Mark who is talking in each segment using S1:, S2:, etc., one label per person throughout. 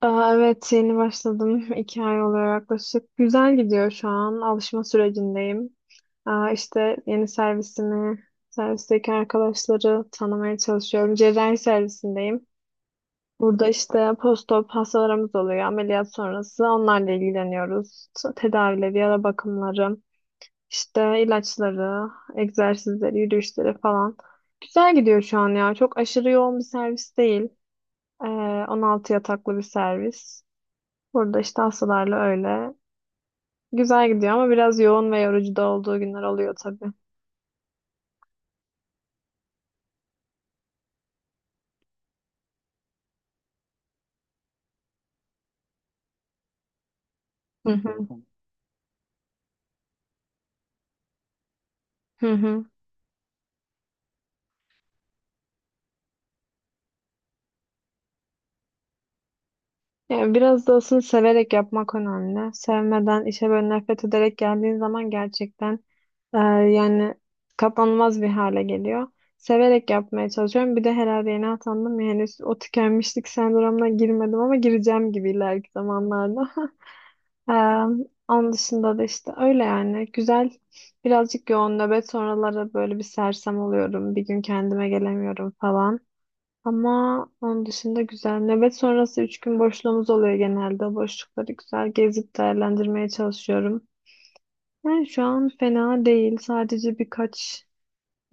S1: Aa, evet yeni başladım. 2 ay oluyor yaklaşık. Güzel gidiyor şu an. Alışma sürecindeyim. Aa, işte yeni servisimi, servisteki arkadaşları tanımaya çalışıyorum. Cerrahi servisindeyim. Burada işte postop hastalarımız oluyor. Ameliyat sonrası onlarla ilgileniyoruz. Tedavileri, yara bakımları, işte ilaçları, egzersizleri, yürüyüşleri falan. Güzel gidiyor şu an ya. Çok aşırı yoğun bir servis değil. Ee, 16 yataklı bir servis. Burada işte hastalarla öyle. Güzel gidiyor ama biraz yoğun ve yorucu da olduğu günler oluyor tabii. Hı hı. Hı hı. Yani biraz da aslında severek yapmak önemli. Sevmeden, işe böyle nefret ederek geldiğin zaman gerçekten yani katlanılmaz bir hale geliyor. Severek yapmaya çalışıyorum. Bir de herhalde yeni atandım ya, henüz o tükenmişlik sendromuna girmedim ama gireceğim gibi ileriki zamanlarda. Ee, onun dışında da işte öyle, yani güzel. Birazcık yoğun nöbet sonraları böyle bir sersem oluyorum, bir gün kendime gelemiyorum falan ama onun dışında güzel. Nöbet sonrası 3 gün boşluğumuz oluyor genelde. O boşlukları güzel gezip değerlendirmeye çalışıyorum. Yani şu an fena değil, sadece birkaç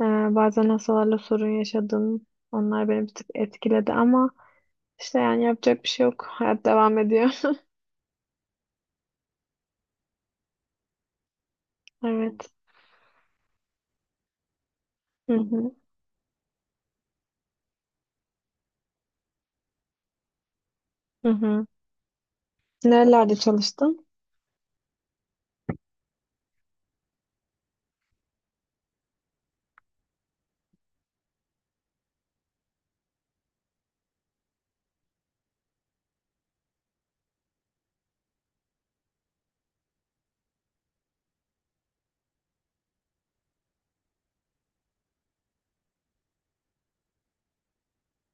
S1: e, bazen hastalarla sorun yaşadım, onlar beni bir tık etkiledi ama işte, yani yapacak bir şey yok, hayat devam ediyor. Evet. Hı hı hı hı. Nerelerde çalıştın?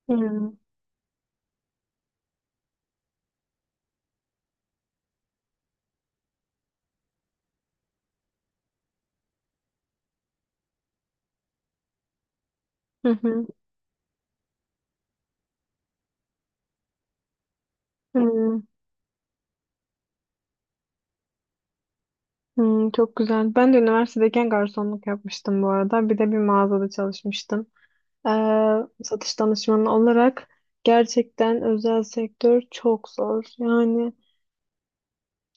S1: Hmm. Hı hı. Hmm, hmm, çok güzel. Ben de üniversitedeyken garsonluk yapmıştım bu arada. Bir de bir mağazada çalışmıştım. Ee, satış danışmanı olarak gerçekten özel sektör çok zor. Yani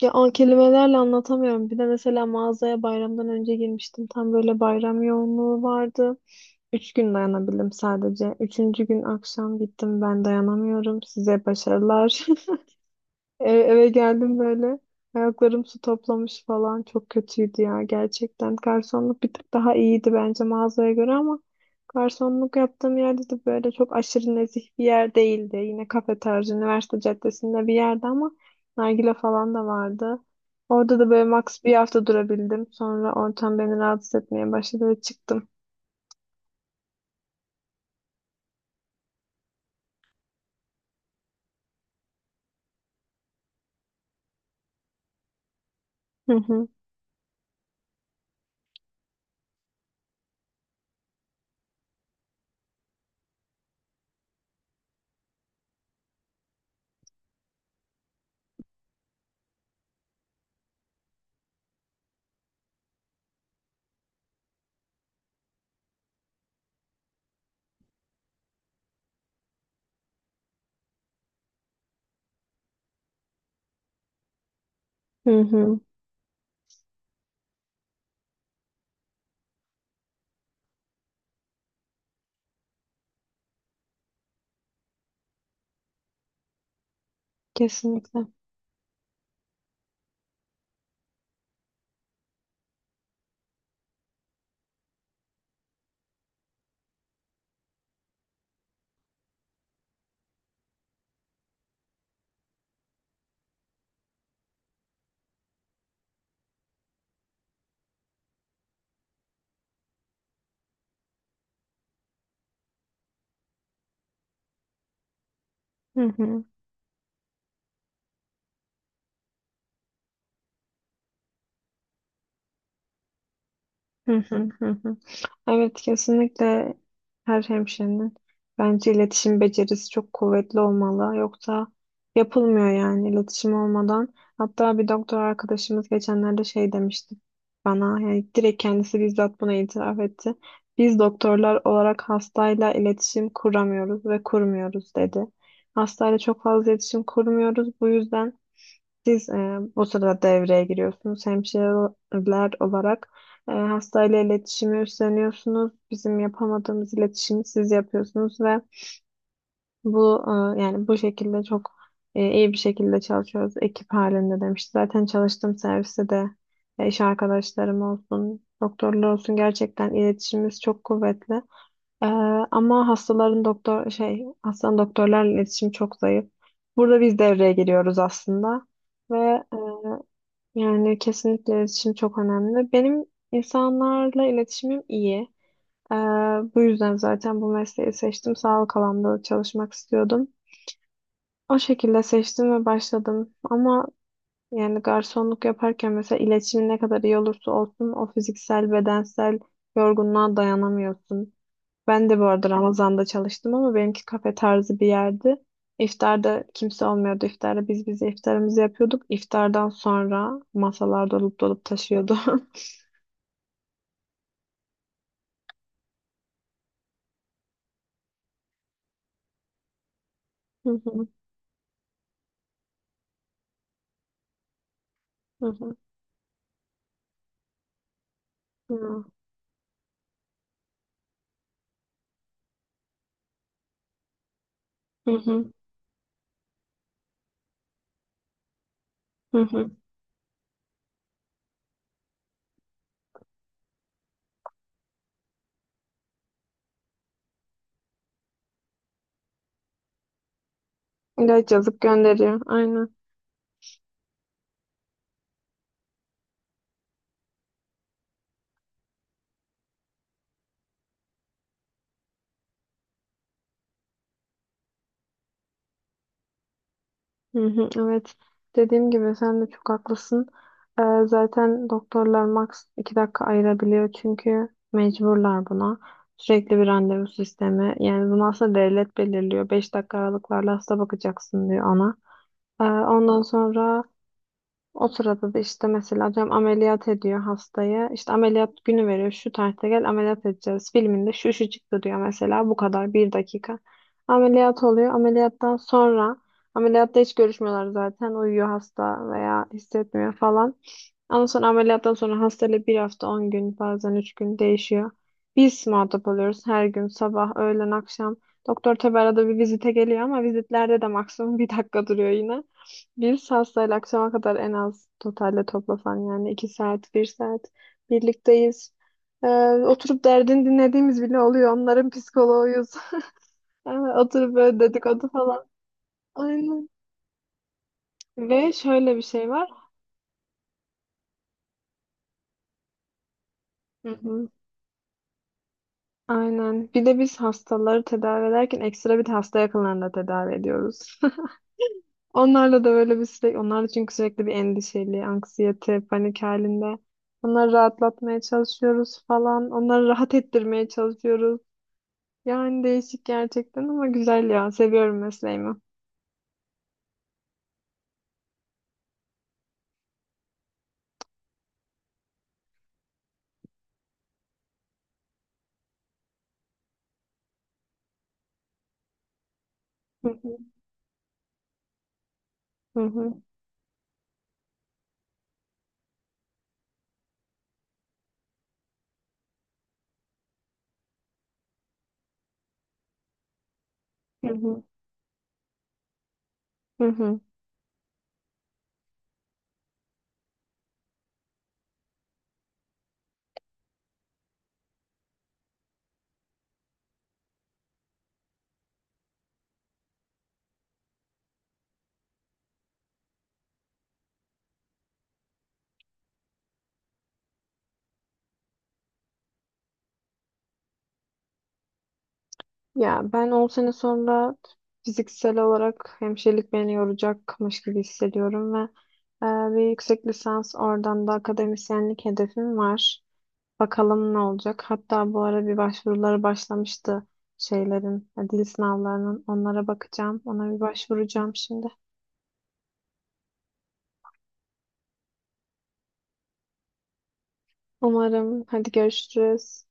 S1: ya an kelimelerle anlatamıyorum. Bir de mesela mağazaya bayramdan önce girmiştim. Tam böyle bayram yoğunluğu vardı. 3 gün dayanabildim sadece. Üçüncü gün akşam gittim. Ben dayanamıyorum. Size başarılar. Eve geldim böyle. Ayaklarım su toplamış falan. Çok kötüydü ya gerçekten. Garsonluk bir tık daha iyiydi bence mağazaya göre ama garsonluk yaptığım yerde de böyle çok aşırı nezih bir yer değildi. Yine kafe tarzı, üniversite caddesinde bir yerde ama nargile falan da vardı. Orada da böyle max bir hafta durabildim. Sonra ortam beni rahatsız etmeye başladı ve çıktım. Hı hı. Hı hı. Kesinlikle. Hı hı. Hı hı hı hı. Evet, kesinlikle her hemşirenin bence iletişim becerisi çok kuvvetli olmalı. Yoksa yapılmıyor yani iletişim olmadan. Hatta bir doktor arkadaşımız geçenlerde şey demişti bana, yani direkt kendisi bizzat bunu itiraf etti. Biz doktorlar olarak hastayla iletişim kuramıyoruz ve kurmuyoruz, dedi. Hastayla çok fazla iletişim kurmuyoruz. Bu yüzden siz o sırada devreye giriyorsunuz. Hemşireler olarak hastayla iletişimi üstleniyorsunuz. Bizim yapamadığımız iletişimi siz yapıyorsunuz ve bu yani bu şekilde çok iyi bir şekilde çalışıyoruz. Ekip halinde, demişti. Zaten çalıştığım serviste de iş arkadaşlarım olsun, doktorlar olsun gerçekten iletişimimiz çok kuvvetli. E, ama hastaların doktor şey hastanın doktorlarla iletişimi çok zayıf. Burada biz devreye giriyoruz aslında. Ve yani kesinlikle iletişim çok önemli. Benim insanlarla iletişimim iyi. Ee, bu yüzden zaten bu mesleği seçtim. Sağlık alanında çalışmak istiyordum. O şekilde seçtim ve başladım. Ama yani garsonluk yaparken mesela iletişimin ne kadar iyi olursa olsun, o fiziksel, bedensel yorgunluğa dayanamıyorsun. Ben de bu arada Ramazan'da çalıştım ama benimki kafe tarzı bir yerdi. İftarda kimse olmuyordu. İftarda biz bize iftarımızı yapıyorduk. İftardan sonra masalar dolup dolup taşıyordu. Hı hı, hı hı, hı hı, hı hı, hı hı. İlaç yazıp gönderiyor. Aynen. Hı hı. Evet, dediğim gibi sen de çok haklısın. Zaten doktorlar max 2 dakika ayırabiliyor çünkü mecburlar buna. Sürekli bir randevu sistemi. Yani bunu aslında devlet belirliyor. 5 dakika aralıklarla hasta bakacaksın diyor ona. Ondan sonra o sırada da işte mesela diyorum, ameliyat ediyor hastayı. İşte ameliyat günü veriyor. Şu tarihte gel, ameliyat edeceğiz. Filminde şu şu çıktı diyor mesela. Bu kadar, bir dakika. Ameliyat oluyor. Ameliyattan sonra ameliyatta hiç görüşmüyorlar zaten. Uyuyor hasta veya hissetmiyor falan. Ondan sonra, ameliyattan sonra hastayla bir hafta, 10 gün, bazen 3 gün değişiyor. Biz muhatap oluyoruz her gün sabah öğlen akşam. Doktor tabi arada bir vizite geliyor ama vizitlerde de maksimum bir dakika duruyor yine. Bir saatle akşama kadar en az totalde toplasan yani 2 saat, bir saat birlikteyiz. Ee, oturup derdini dinlediğimiz bile oluyor. Onların psikoloğuyuz. Oturup böyle dedikodu falan. Aynen. Ve şöyle bir şey var. Hı hı. Aynen. Bir de biz hastaları tedavi ederken ekstra bir de hasta yakınlarını da tedavi ediyoruz. Onlarla da böyle bir sürekli, onlar da çünkü sürekli bir endişeli, anksiyete, panik halinde. Onları rahatlatmaya çalışıyoruz falan. Onları rahat ettirmeye çalışıyoruz. Yani değişik gerçekten ama güzel ya. Seviyorum mesleğimi. Hı hı, hı hı, hı hı, hı hı. Ya ben 10 sene sonra fiziksel olarak hemşirelik beni yoracakmış gibi hissediyorum ve e, bir yüksek lisans, oradan da akademisyenlik hedefim var. Bakalım ne olacak. Hatta bu ara bir başvuruları başlamıştı şeylerin, dil sınavlarının. Onlara bakacağım. Ona bir başvuracağım şimdi. Umarım. Hadi görüşürüz.